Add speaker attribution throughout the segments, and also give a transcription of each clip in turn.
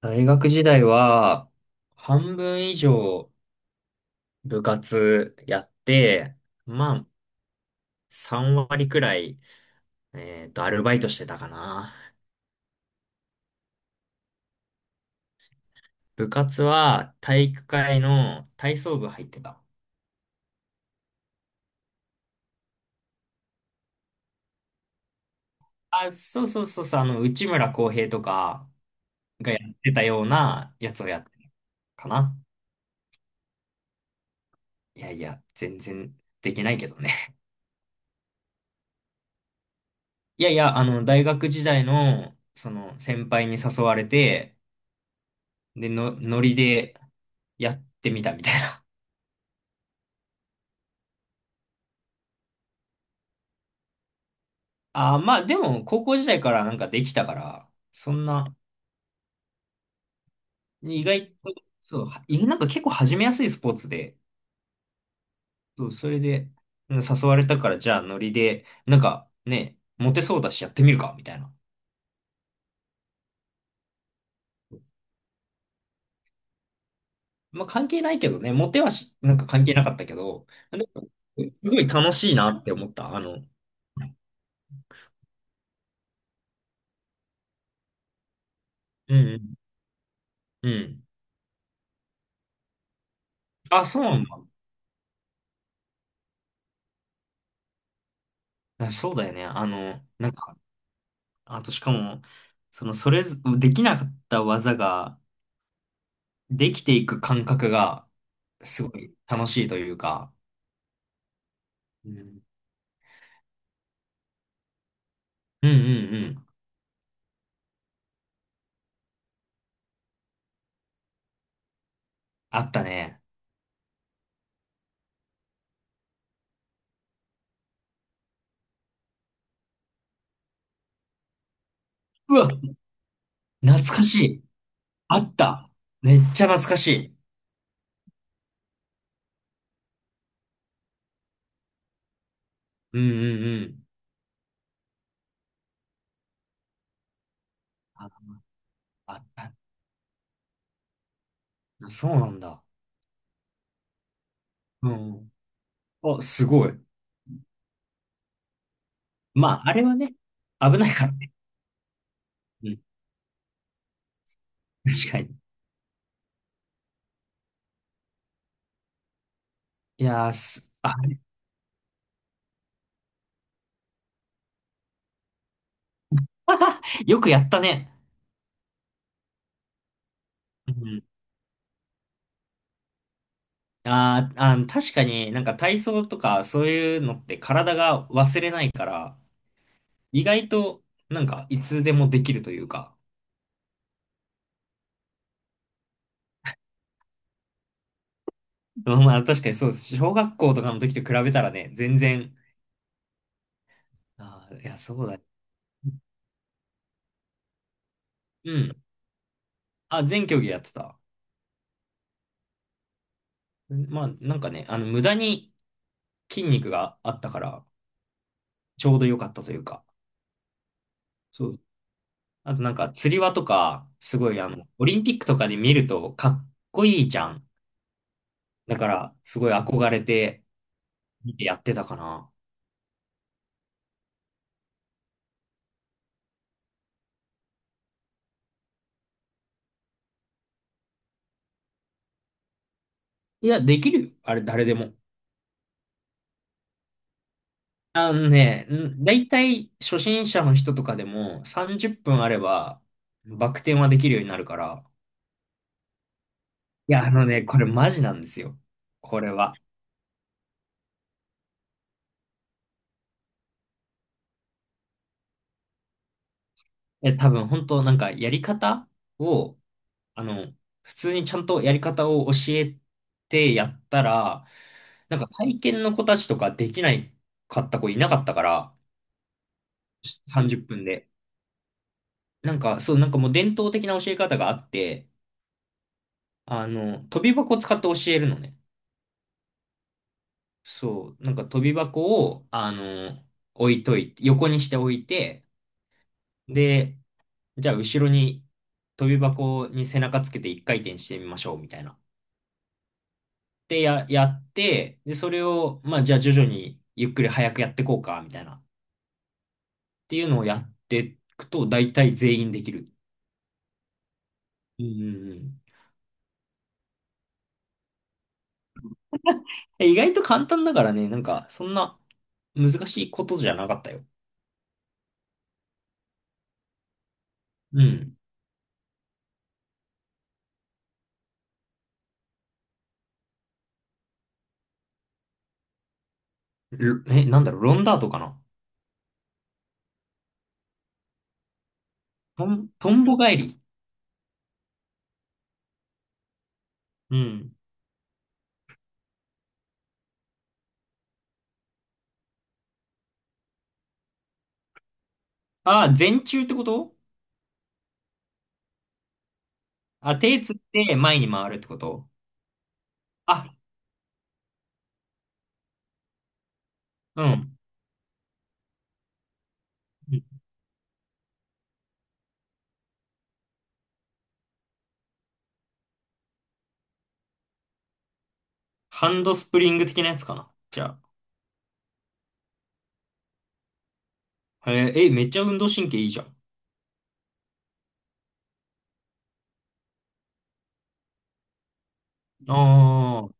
Speaker 1: 大学時代は、半分以上部活やって、まあ、3割くらい、アルバイトしてたかな。部活は体育会の体操部入ってた。あ、そうそうそうそう、内村航平とかがやってたようなやつをやってたかな。いやいや、全然できないけどね。いやいや、大学時代の、先輩に誘われて、で、ノリでやってみたみたいな。ああ、まあでも、高校時代からなんかできたから、そんな、意外と、そう、なんか結構始めやすいスポーツで、そう、それで、うん誘われたから、じゃあノリで、なんかね、モテそうだしやってみるか、みたいな。まあ関係ないけどね、モテはし、なんか関係なかったけど、でもすごい楽しいなって思った。うん、うん。うんあ、そうなんだ。あそうだよね。なんか、あとしかも、それぞ、できなかった技が、できていく感覚が、すごい楽しいというか、うん、うんうんうん。あったね。うわ、懐かしい。あった。めっちゃ懐かしい。うんうんうん。あ、あ、そうなんだ。うん。あ、すごい。まあ、あれはね、危ないからね。うん。確かに。いやー、あ、よくやったね。うん。あーあー、確かになんか体操とかそういうのって体が忘れないから、意外と、なんか、いつでもできるというか。まあまあ、確かにそうです。小学校とかの時と比べたらね、全然、あー、いや、そうだ。うん。あ、全競技やってた。まあ、なんかね、無駄に筋肉があったから、ちょうど良かったというか。そう。あとなんか、釣り輪とか、すごい、オリンピックとかで見ると、かっこいいじゃん。だから、すごい憧れて、見てやってたかな。いや、できるよ。あれ、誰でも。んだいたい初心者の人とかでも30分あればバク転はできるようになるから。いや、これマジなんですよ。これは。え、多分本当なんかやり方を、あの、普通にちゃんとやり方を教えてやったら、なんか体験の子たちとかできないかった子いなかったから、30分で。なんか、そう、なんかもう伝統的な教え方があって、跳び箱を使って教えるのね。そう、なんか飛び箱を、置いといて、横にして置いて、で、じゃあ後ろに飛び箱に背中つけて一回転してみましょう、みたいな。で、やって、で、それを、まあ、じゃあ徐々にゆっくり早くやってこうか、みたいな。っていうのをやっていくと、大体全員できる。うんうんうん。え意外と簡単だからね、なんか、そんな難しいことじゃなかったよ。うん。なんだろう、ロンダートかなトンボ返り。うん。ああ、前中ってこと？あ、手つって前に回るってこと？あ、うん。うんハンドスプリング的なやつかな。じゃあ。へえ、え、めっちゃ運動神経いいじゃん。ああ。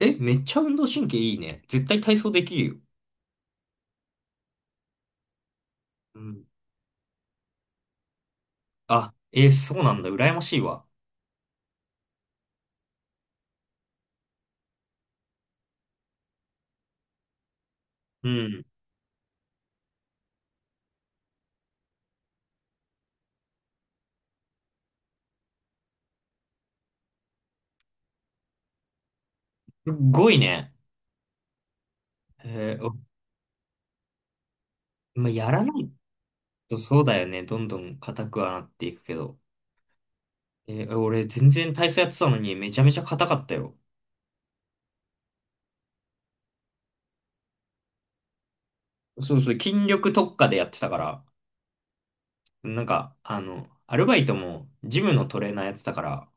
Speaker 1: え、めっちゃ運動神経いいね。絶対体操できるよ。うん。あ、え、そうなんだ。羨ましいわ。うん。すっごいね。おまあ、やらないとそうだよね。どんどん硬くはなっていくけど。俺全然体操やってたのにめちゃめちゃ硬かったよ。そうそう、筋力特化でやってたから。なんか、アルバイトもジムのトレーナーやってたから、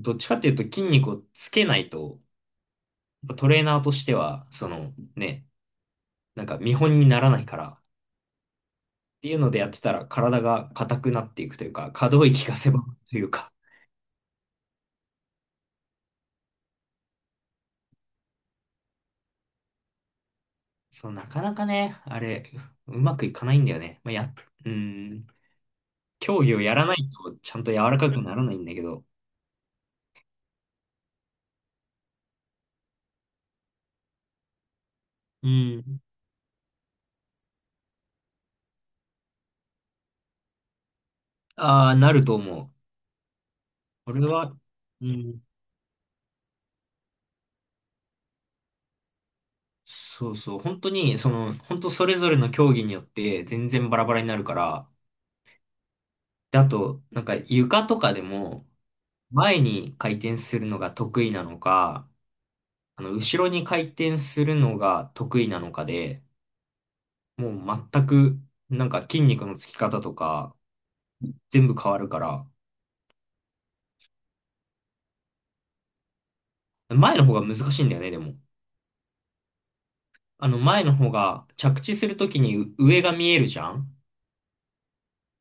Speaker 1: どっちかっていうと筋肉をつけないと、トレーナーとしては、そのね、なんか見本にならないから、っていうのでやってたら体が硬くなっていくというか、可動域が狭くというか、そう、なかなかね、あれ、うまくいかないんだよね。まあ、うん、競技をやらないとちゃんと柔らかくならないんだけど、うん、ああ、なると思う。俺は、うんそうそう、本当に、本当それぞれの競技によって全然バラバラになるから、で、あと、なんか床とかでも、前に回転するのが得意なのか、後ろに回転するのが得意なのかで、もう全く、なんか筋肉のつき方とか、全部変わるから、前の方が難しいんだよね、でも。前の方が着地するときにう上が見えるじゃん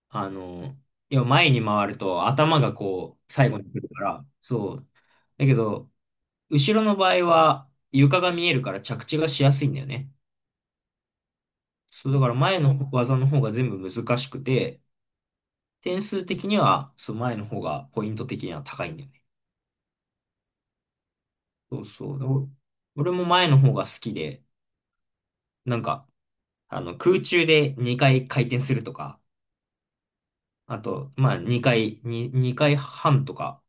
Speaker 1: あの、いや、前に回ると頭がこう、最後に来るから、そう、だけど、後ろの場合は床が見えるから着地がしやすいんだよね。そう、だから前の技の方が全部難しくて、点数的には、そう、前の方がポイント的には高いんだよね。そうそう。俺も前の方が好きで、なんか、空中で2回回転するとか、あと、まあ2回、2回半とか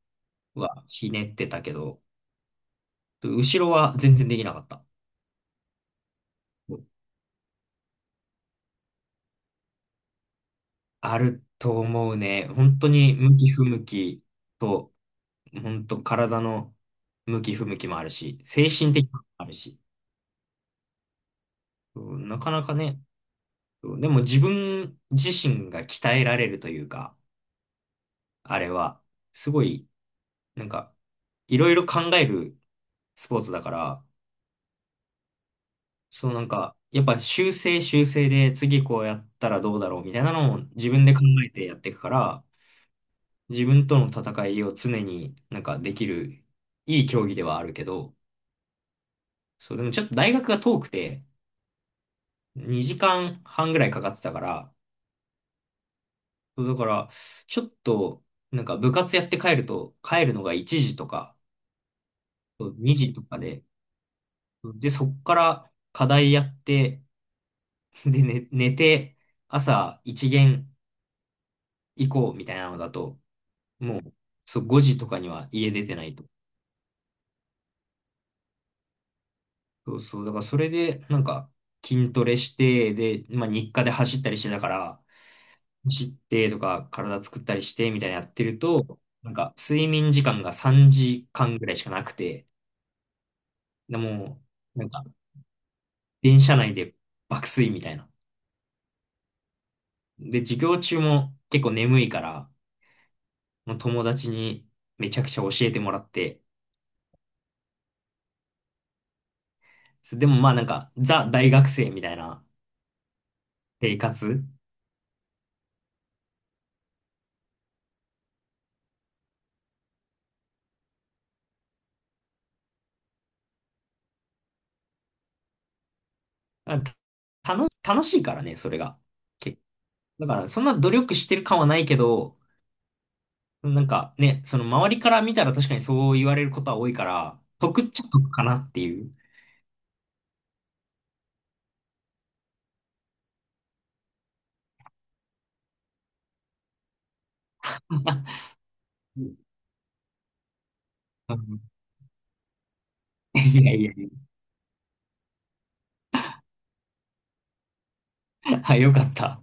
Speaker 1: はひねってたけど、後ろは全然できなかった。あると思うね。本当に向き不向きと、本当体の向き不向きもあるし、精神的なのもあるし、うんなかなかね、うんでも自分自身が鍛えられるというか、あれは、すごい、なんか、いろいろ考えるスポーツだから、そうなんか、やっぱ修正修正で次こうやったらどうだろうみたいなのを自分で考えてやっていくから、自分との戦いを常になんかできるいい競技ではあるけど、そう、でもちょっと大学が遠くて、2時間半ぐらいかかってたから、そうだから、ちょっと、なんか部活やって帰ると、帰るのが1時とか、2時とかで、で、そっから課題やって、で、寝て、朝一限行こうみたいなのだと、もう、そう、5時とかには家出てないと。そうそう、だからそれで、なんか、筋トレして、で、まあ日課で走ったりしてたから、走ってとか体作ったりしてみたいなやってると、なんか睡眠時間が3時間ぐらいしかなくて、でもう、なんか電車内で爆睡みたいな。で、授業中も結構眠いから、もう友達にめちゃくちゃ教えてもらって、そでもまあなんかザ大学生みたいな生活、あた楽しいからね、それが。けだからそんな努力してる感はないけど、なんかね、その周りから見たら確かにそう言われることは多いから、得っちゃ得かなっていう。うんいやいやいや。はいよかった。